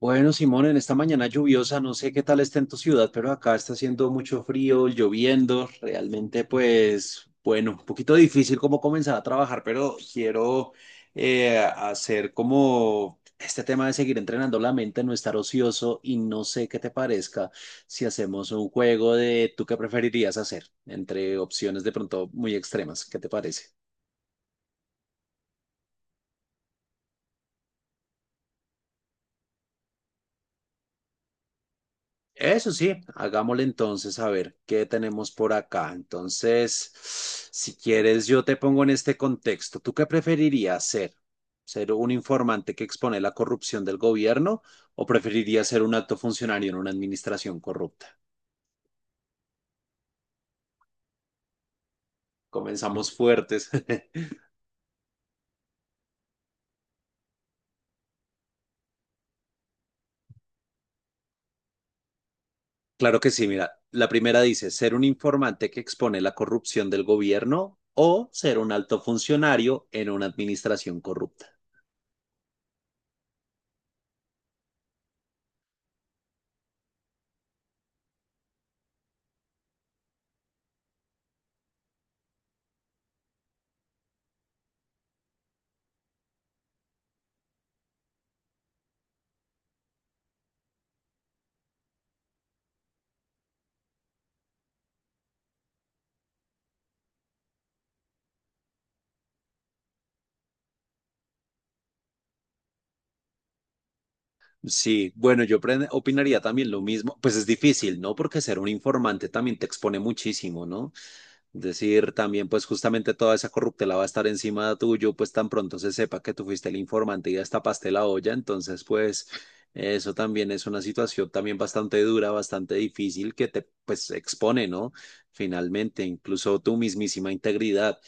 Bueno, Simón, en esta mañana lluviosa, no sé qué tal está en tu ciudad, pero acá está haciendo mucho frío, lloviendo, realmente pues, bueno, un poquito difícil como comenzar a trabajar, pero quiero hacer como este tema de seguir entrenando la mente, no estar ocioso y no sé qué te parezca si hacemos un juego de tú qué preferirías hacer entre opciones de pronto muy extremas, ¿qué te parece? Eso sí, hagámosle entonces a ver qué tenemos por acá. Entonces, si quieres, yo te pongo en este contexto. ¿Tú qué preferirías ser? ¿Ser un informante que expone la corrupción del gobierno o preferirías ser un alto funcionario en una administración corrupta? Comenzamos fuertes. Claro que sí, mira, la primera dice, ser un informante que expone la corrupción del gobierno o ser un alto funcionario en una administración corrupta. Sí, bueno, yo opinaría también lo mismo. Pues es difícil, ¿no? Porque ser un informante también te expone muchísimo, ¿no? Decir también, pues justamente toda esa corruptela va a estar encima tuyo, pues tan pronto se sepa que tú fuiste el informante y ya tapaste la olla, entonces pues eso también es una situación también bastante dura, bastante difícil que te pues expone, ¿no? Finalmente, incluso tu mismísima integridad.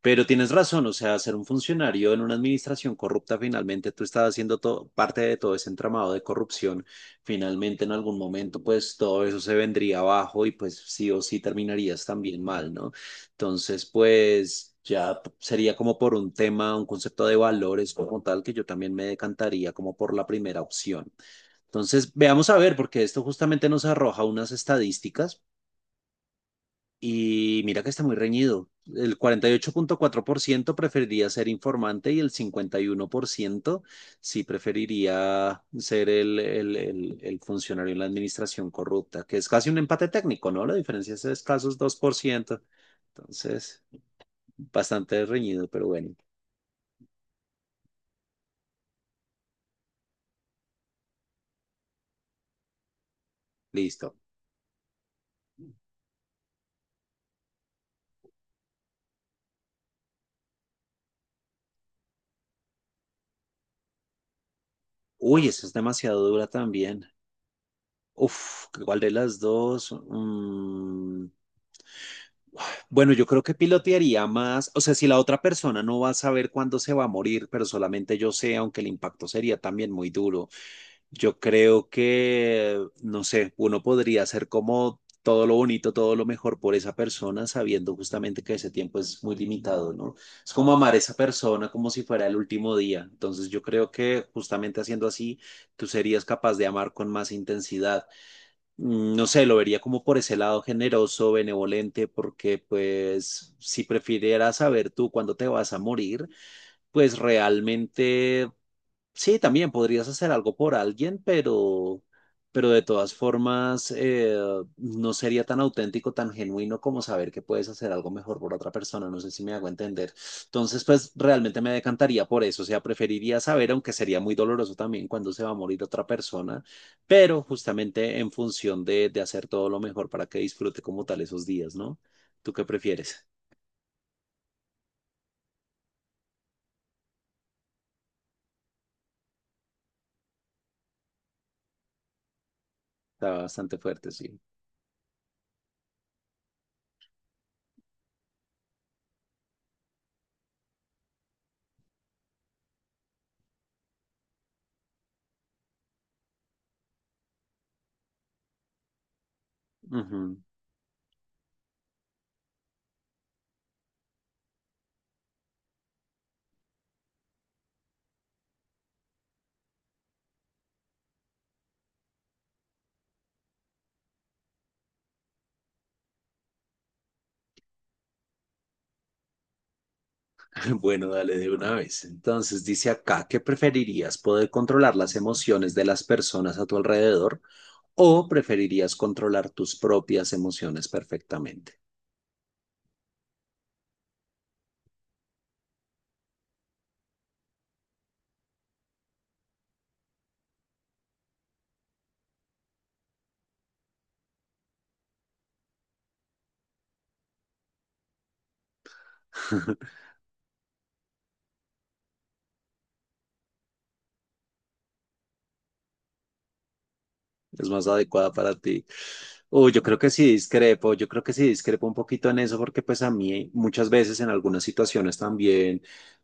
Pero tienes razón, o sea, ser un funcionario en una administración corrupta, finalmente tú estás haciendo parte de todo ese entramado de corrupción. Finalmente, en algún momento, pues todo eso se vendría abajo y pues sí o sí terminarías también mal, ¿no? Entonces, pues ya sería como por un tema, un concepto de valores como tal, que yo también me decantaría como por la primera opción. Entonces, veamos a ver, porque esto justamente nos arroja unas estadísticas y mira que está muy reñido. El 48,4% preferiría ser informante y el 51% sí preferiría ser el funcionario en la administración corrupta, que es casi un empate técnico, ¿no? La diferencia es de escasos 2%. Entonces... Bastante reñido, pero bueno, listo. Uy, esa es demasiado dura también. Uf, ¿cuál de las dos? Bueno, yo creo que pilotearía más, o sea, si la otra persona no va a saber cuándo se va a morir, pero solamente yo sé, aunque el impacto sería también muy duro. Yo creo que, no sé, uno podría hacer como todo lo bonito, todo lo mejor por esa persona, sabiendo justamente que ese tiempo es muy limitado, ¿no? Es como amar a esa persona como si fuera el último día. Entonces yo creo que justamente haciendo así, tú serías capaz de amar con más intensidad. No sé, lo vería como por ese lado generoso, benevolente, porque pues si prefirieras saber tú cuándo te vas a morir, pues realmente sí, también podrías hacer algo por alguien, pero de todas formas no sería tan auténtico, tan genuino como saber que puedes hacer algo mejor por otra persona. No sé si me hago entender. Entonces, pues realmente me decantaría por eso. O sea, preferiría saber, aunque sería muy doloroso también cuando se va a morir otra persona, pero justamente en función de hacer todo lo mejor para que disfrute como tal esos días, ¿no? ¿Tú qué prefieres? Está bastante fuerte, sí. Ujú. Bueno, dale de una vez. Entonces dice acá, ¿qué preferirías? ¿Poder controlar las emociones de las personas a tu alrededor o preferirías controlar tus propias emociones perfectamente? es más adecuada para ti. Uy, yo creo que sí discrepo, yo creo que sí discrepo un poquito en eso porque pues a mí muchas veces en algunas situaciones también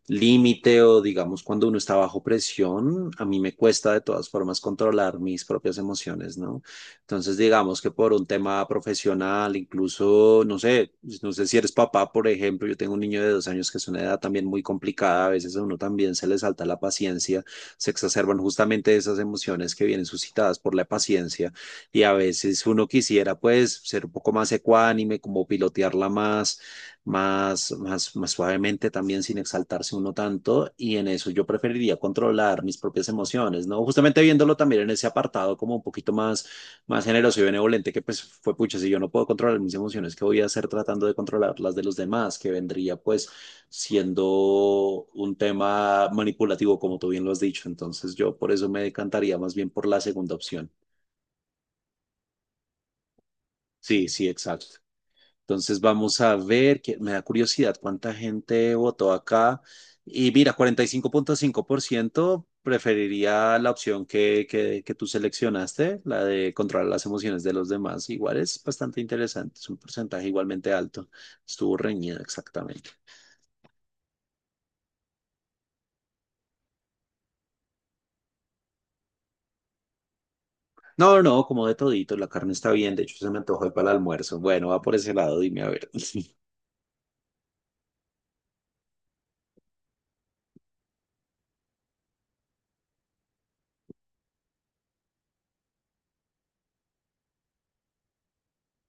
límite o digamos cuando uno está bajo presión, a mí me cuesta de todas formas controlar mis propias emociones, ¿no? Entonces digamos que por un tema profesional, incluso, no sé, no sé si eres papá, por ejemplo, yo tengo un niño de 2 años que es una edad también muy complicada, a veces a uno también se le salta la paciencia, se exacerban justamente esas emociones que vienen suscitadas por la paciencia y a veces uno quisiera pues ser un poco más ecuánime, como pilotearla más suavemente también sin exaltarse uno tanto y en eso yo preferiría controlar mis propias emociones, ¿no? Justamente viéndolo también en ese apartado como un poquito más, más generoso y benevolente que pues fue pucha, si yo no puedo controlar mis emociones, ¿qué voy a hacer tratando de controlar las de los demás? Que vendría pues siendo un tema manipulativo, como tú bien lo has dicho. Entonces yo por eso me decantaría más bien por la segunda opción. Sí, sí, exacto. Entonces vamos a ver, que me da curiosidad cuánta gente votó acá. Y mira, 45,5% preferiría la opción que tú seleccionaste, la de controlar las emociones de los demás. Igual es bastante interesante, es un porcentaje igualmente alto. Estuvo reñida exactamente. No, no, como de todito, la carne está bien, de hecho se me antojó para el almuerzo. Bueno, va por ese lado, dime a ver.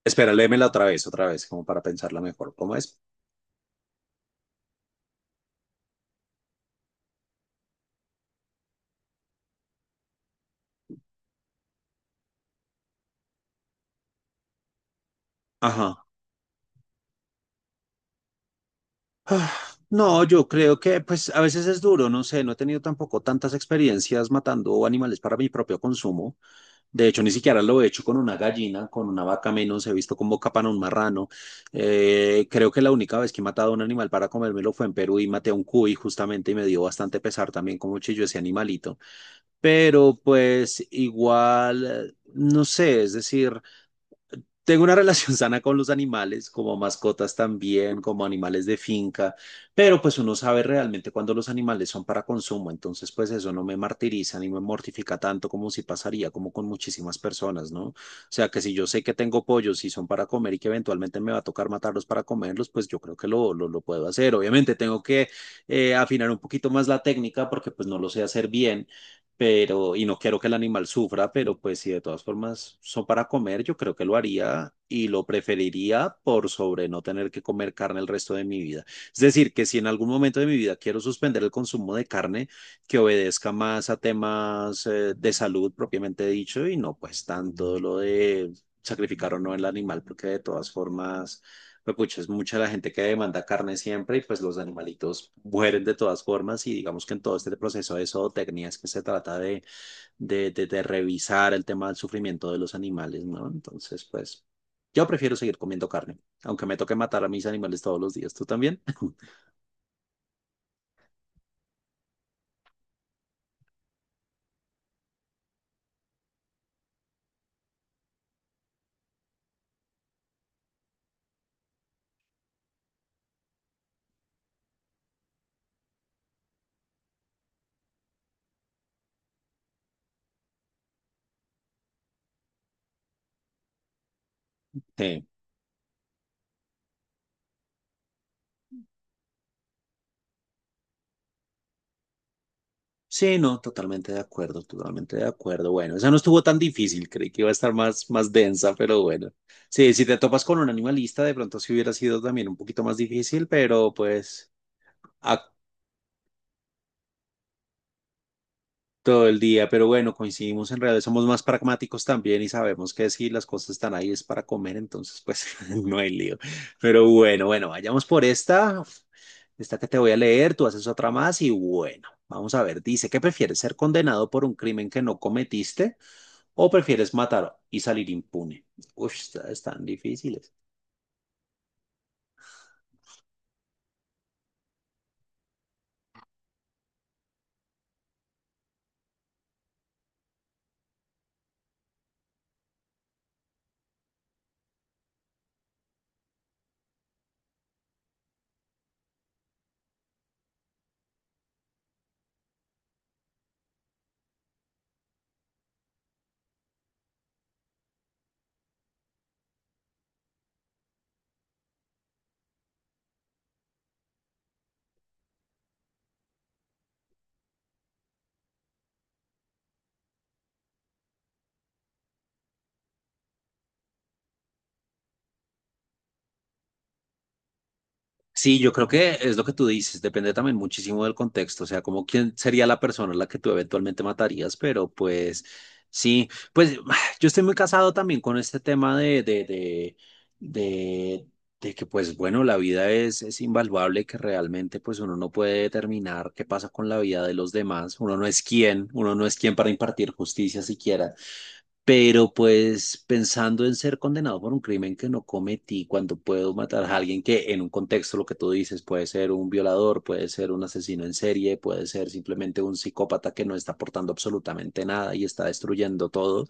Espera, léemela otra vez, como para pensarla mejor. ¿Cómo es? Ajá. Ah, no, yo creo que pues a veces es duro, no sé, no he tenido tampoco tantas experiencias matando animales para mi propio consumo. De hecho, ni siquiera lo he hecho con una gallina, con una vaca menos, he visto como capan a un marrano. Creo que la única vez que he matado a un animal para comérmelo fue en Perú y maté a un cuy justamente y me dio bastante pesar también como chilló ese animalito, pero pues igual, no sé, es decir, tengo una relación sana con los animales, como mascotas también, como animales de finca, pero pues uno sabe realmente cuando los animales son para consumo, entonces pues eso no me martiriza ni me mortifica tanto como si pasaría, como con muchísimas personas, ¿no? O sea, que si yo sé que tengo pollos y son para comer y que eventualmente me va a tocar matarlos para comerlos, pues yo creo que lo puedo hacer. Obviamente tengo que afinar un poquito más la técnica porque pues no lo sé hacer bien, pero, y no quiero que el animal sufra, pero pues si de todas formas son para comer, yo creo que lo haría y lo preferiría por sobre no tener que comer carne el resto de mi vida. Es decir, que si en algún momento de mi vida quiero suspender el consumo de carne, que obedezca más a temas de salud propiamente dicho y no pues tanto lo de sacrificar o no el animal, porque de todas formas pues pucha, es mucha la gente que demanda carne siempre y pues los animalitos mueren de todas formas y digamos que en todo este proceso de zootecnia es que se trata de, de revisar el tema del sufrimiento de los animales, ¿no? Entonces, pues yo prefiero seguir comiendo carne, aunque me toque matar a mis animales todos los días, ¿tú también? Sí. Sí, no, totalmente de acuerdo, totalmente de acuerdo. Bueno, esa no estuvo tan difícil, creí que iba a estar más, más densa, pero bueno. Sí, si te topas con un animalista, de pronto sí hubiera sido también un poquito más difícil, pero pues... A todo el día, pero bueno, coincidimos en realidad, somos más pragmáticos también y sabemos que si las cosas están ahí es para comer, entonces pues no hay lío. Pero bueno, bueno, vayamos por esta, esta que te voy a leer, tú haces otra más y bueno, vamos a ver, dice, ¿qué prefieres ser condenado por un crimen que no cometiste o prefieres matar y salir impune? Uf, estas están difíciles. Sí, yo creo que es lo que tú dices, depende también muchísimo del contexto, o sea, como quién sería la persona a la que tú eventualmente matarías, pero pues sí, pues yo estoy muy casado también con este tema de, de, de que pues bueno, la vida es invaluable, y que realmente pues uno no puede determinar qué pasa con la vida de los demás, uno no es quien, uno no es quien para impartir justicia siquiera. Pero pues pensando en ser condenado por un crimen que no cometí, cuando puedo matar a alguien que en un contexto, lo que tú dices, puede ser un violador, puede ser un asesino en serie, puede ser simplemente un psicópata que no está aportando absolutamente nada y está destruyendo todo,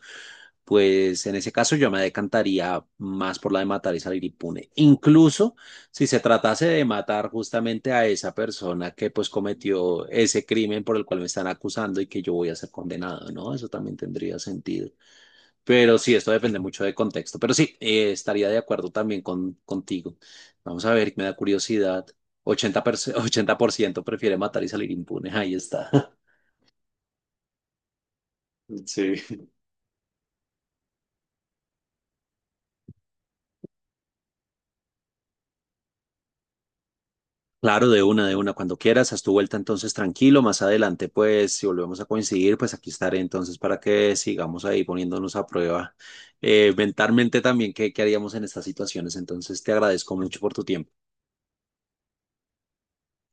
pues en ese caso yo me decantaría más por la de matar y salir impune. Incluso si se tratase de matar justamente a esa persona que pues cometió ese crimen por el cual me están acusando y que yo voy a ser condenado, ¿no? Eso también tendría sentido. Pero sí, esto depende mucho de contexto. Pero sí, estaría de acuerdo también con, contigo. Vamos a ver, me da curiosidad. 80%, 80% prefiere matar y salir impune. Ahí está. Sí. Claro, de una, cuando quieras, haz tu vuelta entonces tranquilo, más adelante pues si volvemos a coincidir, pues aquí estaré entonces para que sigamos ahí poniéndonos a prueba mentalmente también qué, qué haríamos en estas situaciones, entonces te agradezco mucho por tu tiempo.